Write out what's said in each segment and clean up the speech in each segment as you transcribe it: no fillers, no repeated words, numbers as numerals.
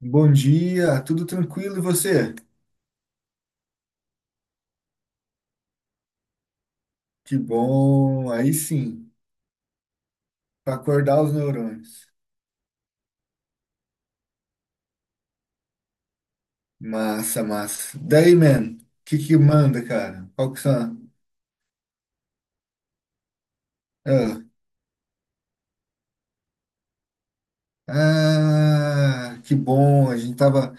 Bom dia, tudo tranquilo e você? Que bom, aí sim, para acordar os neurônios. Massa, massa. Daí, man, que manda, cara? Qual que são? Ah, ah, que bom, a gente tava,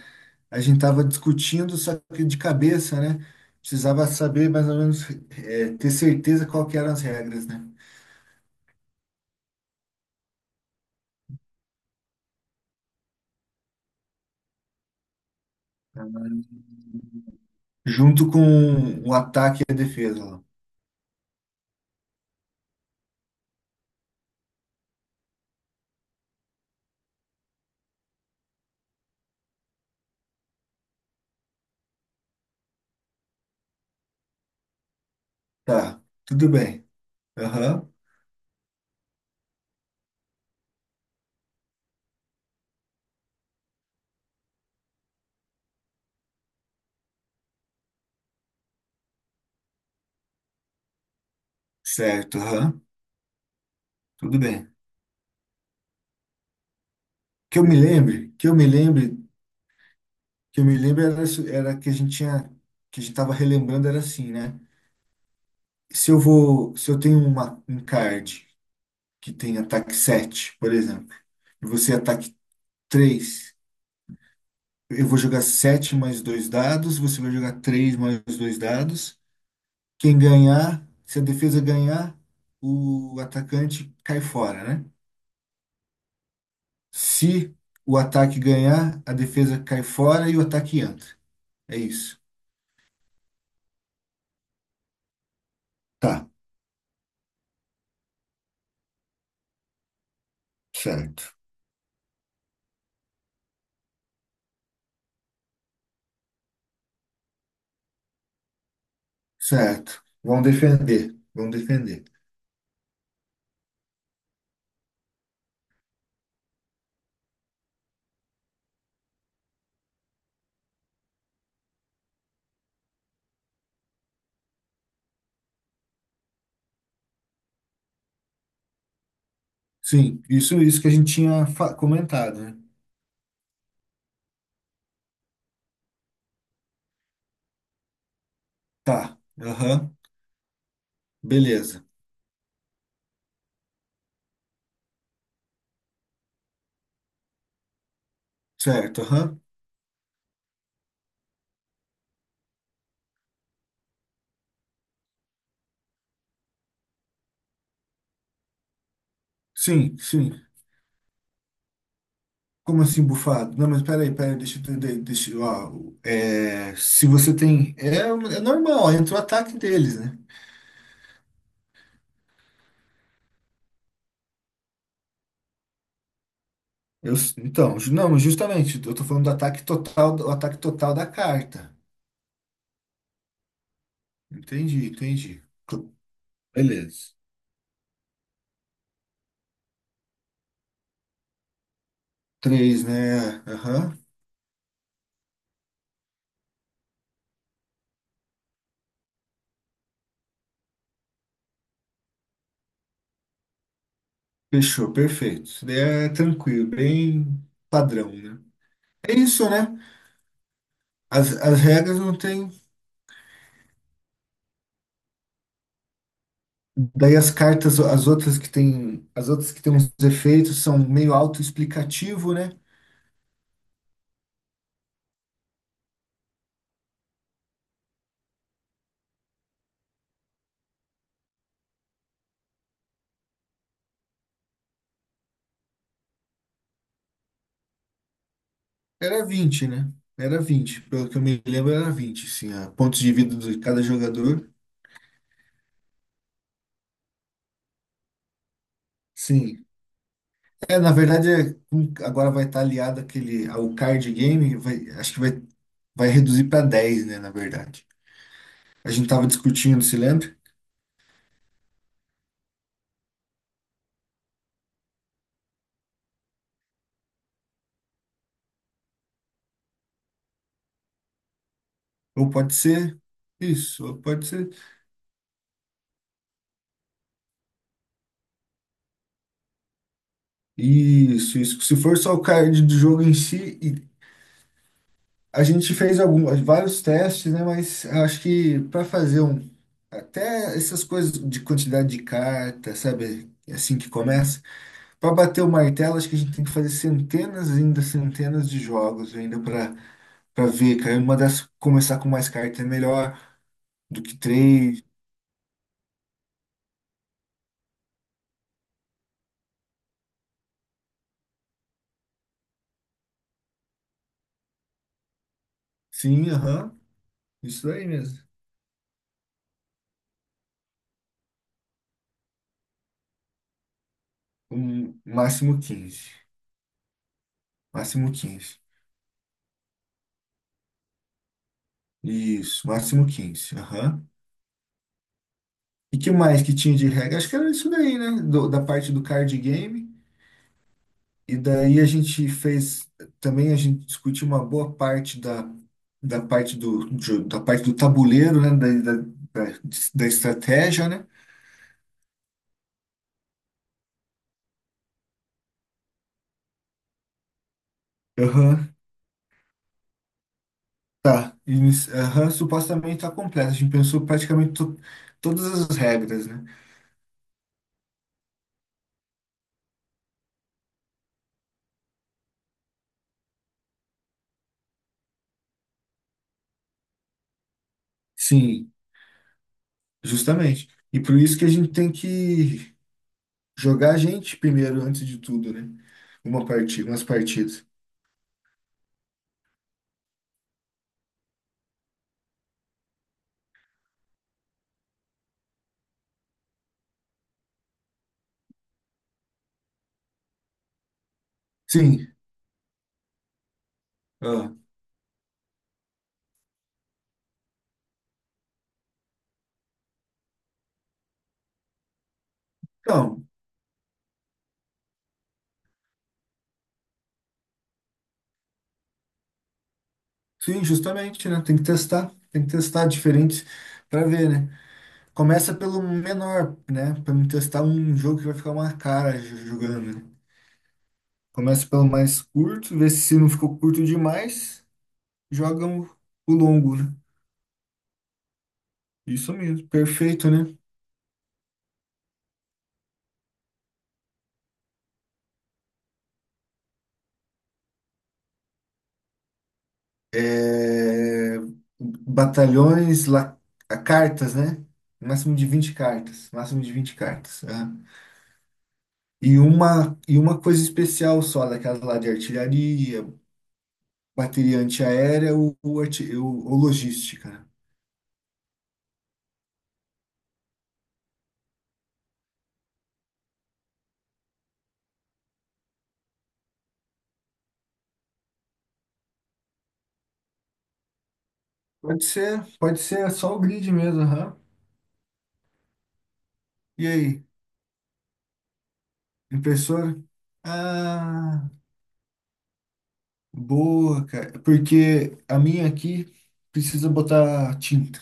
a gente tava discutindo, só que de cabeça, né? Precisava saber mais ou menos, ter certeza qual que eram as regras, né? Junto com o ataque e a defesa lá. Tá, tudo bem. Aham, certo, aham, tudo bem. que eu me lembre, que eu me lembre, que eu me lembre era que a gente tava relembrando era assim, né? Se eu vou, se eu tenho um card que tem ataque sete, por exemplo, e você ataque três. Eu vou jogar 7 mais dois dados, você vai jogar 3 mais dois dados. Quem ganhar, se a defesa ganhar, o atacante cai fora, né? Se o ataque ganhar, a defesa cai fora e o ataque entra. É isso. Tá, certo. Certo. Vão defender. Vão defender. Sim, isso que a gente tinha comentado, né? Tá. Aham. Beleza. Certo. Aham. Sim, sim. Como assim, bufado? Não, mas peraí, peraí, deixa eu entender. Ó, se você tem. É normal, entra o ataque deles, né? Eu, então, não, justamente, eu tô falando do ataque total da carta. Entendi, entendi. Cl- Beleza. Três, né? Aham. Fechou, perfeito. Isso daí é tranquilo, bem padrão, né? É isso, né? As regras não tem. Daí as cartas, as outras que tem uns efeitos são meio autoexplicativo, né? Era 20, né? Era 20, pelo que eu me lembro, era 20 sim, a pontos de vida de cada jogador. Sim. É, na verdade, agora vai estar aliado aquele ao card game, acho que vai reduzir para 10, né, na verdade. A gente tava discutindo, se lembra? Ou pode ser isso, ou pode ser isso, isso. Se for só o card do jogo em si, e a gente fez vários testes, né? Mas acho que para fazer um, até essas coisas de quantidade de carta, sabe? Assim que uhum, começa, para bater o martelo, acho que a gente tem que fazer centenas e, ainda, centenas de jogos ainda para ver, cara. Uma das começar com mais cartas é melhor do que três. Sim, aham, isso aí mesmo. Máximo 15. Máximo 15. Isso, máximo 15. Aham. E que mais que tinha de regra? Acho que era isso daí, né? Da parte do card game. E daí a gente fez. Também a gente discutiu uma boa parte da, da parte do tabuleiro, né? Da, da, da estratégia, né? Aham. Tá. Aham, supostamente tá completa. A gente pensou praticamente todas as regras, né? Sim, justamente. E por isso que a gente tem que jogar a gente primeiro, antes de tudo, né? Uma partida, umas partidas. Sim. ah, Então, sim, justamente, né? Tem que testar. Tem que testar diferentes para ver, né? Começa pelo menor, né? Para não testar um jogo que vai ficar uma cara jogando, né? Começa pelo mais curto, vê se não ficou curto demais, joga o longo, né? Isso mesmo, perfeito, né? é, Batalhões, cartas, né? Máximo de 20 cartas. Máximo de 20 cartas. Aham. E uma coisa especial só, daquelas lá de artilharia, bateria antiaérea ou logística, né? Pode ser só o grid mesmo. Aham. E aí, impressora? Ah, boa, cara. Porque a minha aqui precisa botar tinta.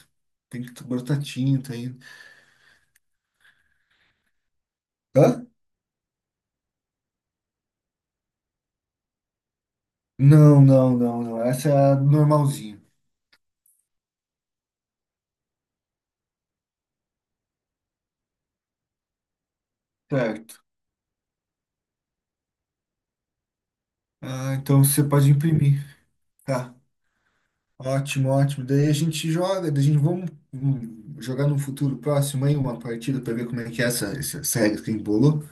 Tem que botar tinta ainda. Hã? Não, não, não, não. Essa é a normalzinha. Certo. Ah, então você pode imprimir. Tá. Ótimo, ótimo. Daí a gente joga, daí a gente vamos jogar no futuro próximo aí uma partida para ver como é que é essa regra que embolou.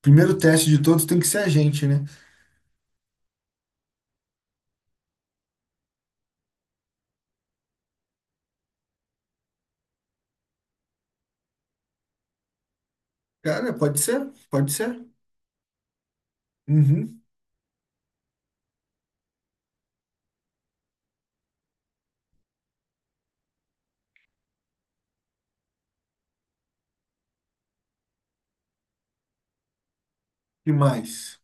Primeiro teste de todos tem que ser a gente, né? Cara, pode ser, pode ser. Uhum. E mais?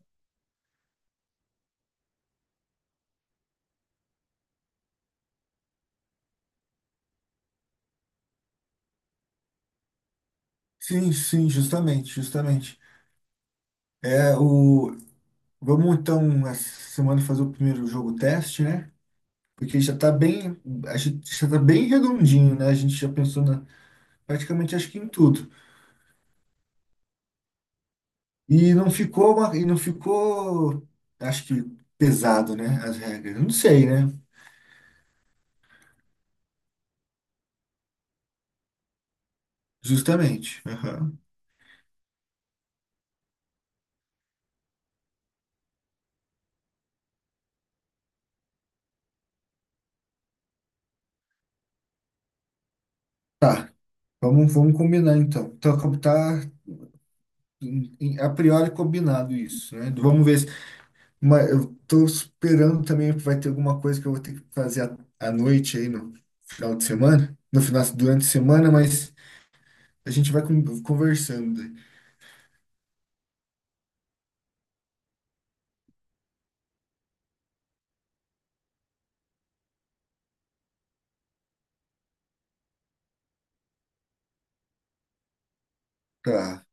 Sim, sim, justamente, justamente. É o. Vamos então essa semana fazer o primeiro jogo teste, né? Porque já está bem, a gente já tá bem redondinho, né? A gente já pensou praticamente acho que em tudo. E não ficou, acho que, pesado, né? As regras. Não sei, né? Justamente. Aham. Tá. Vamos combinar então. Então, como tá a priori combinado isso, né? Vamos ver. Mas eu tô esperando também que vai ter alguma coisa que eu vou ter que fazer à noite aí no final durante a semana, mas a gente vai conversando. Tá,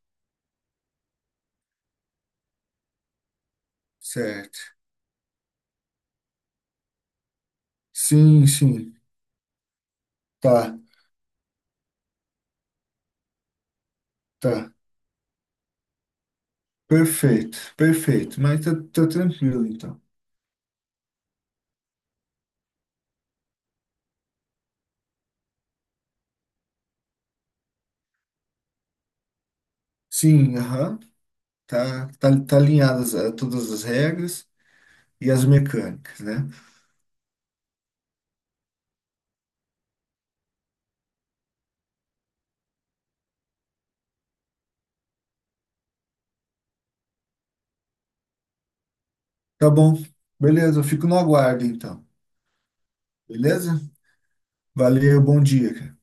certo. Sim, sim. Tá, tá. Perfeito, perfeito. Mas tá, tá tranquilo, então. Sim, aham. Tá alinhadas, todas as regras e as mecânicas, né? Tá bom. Beleza, eu fico no aguardo, então. Beleza? Valeu, bom dia, cara.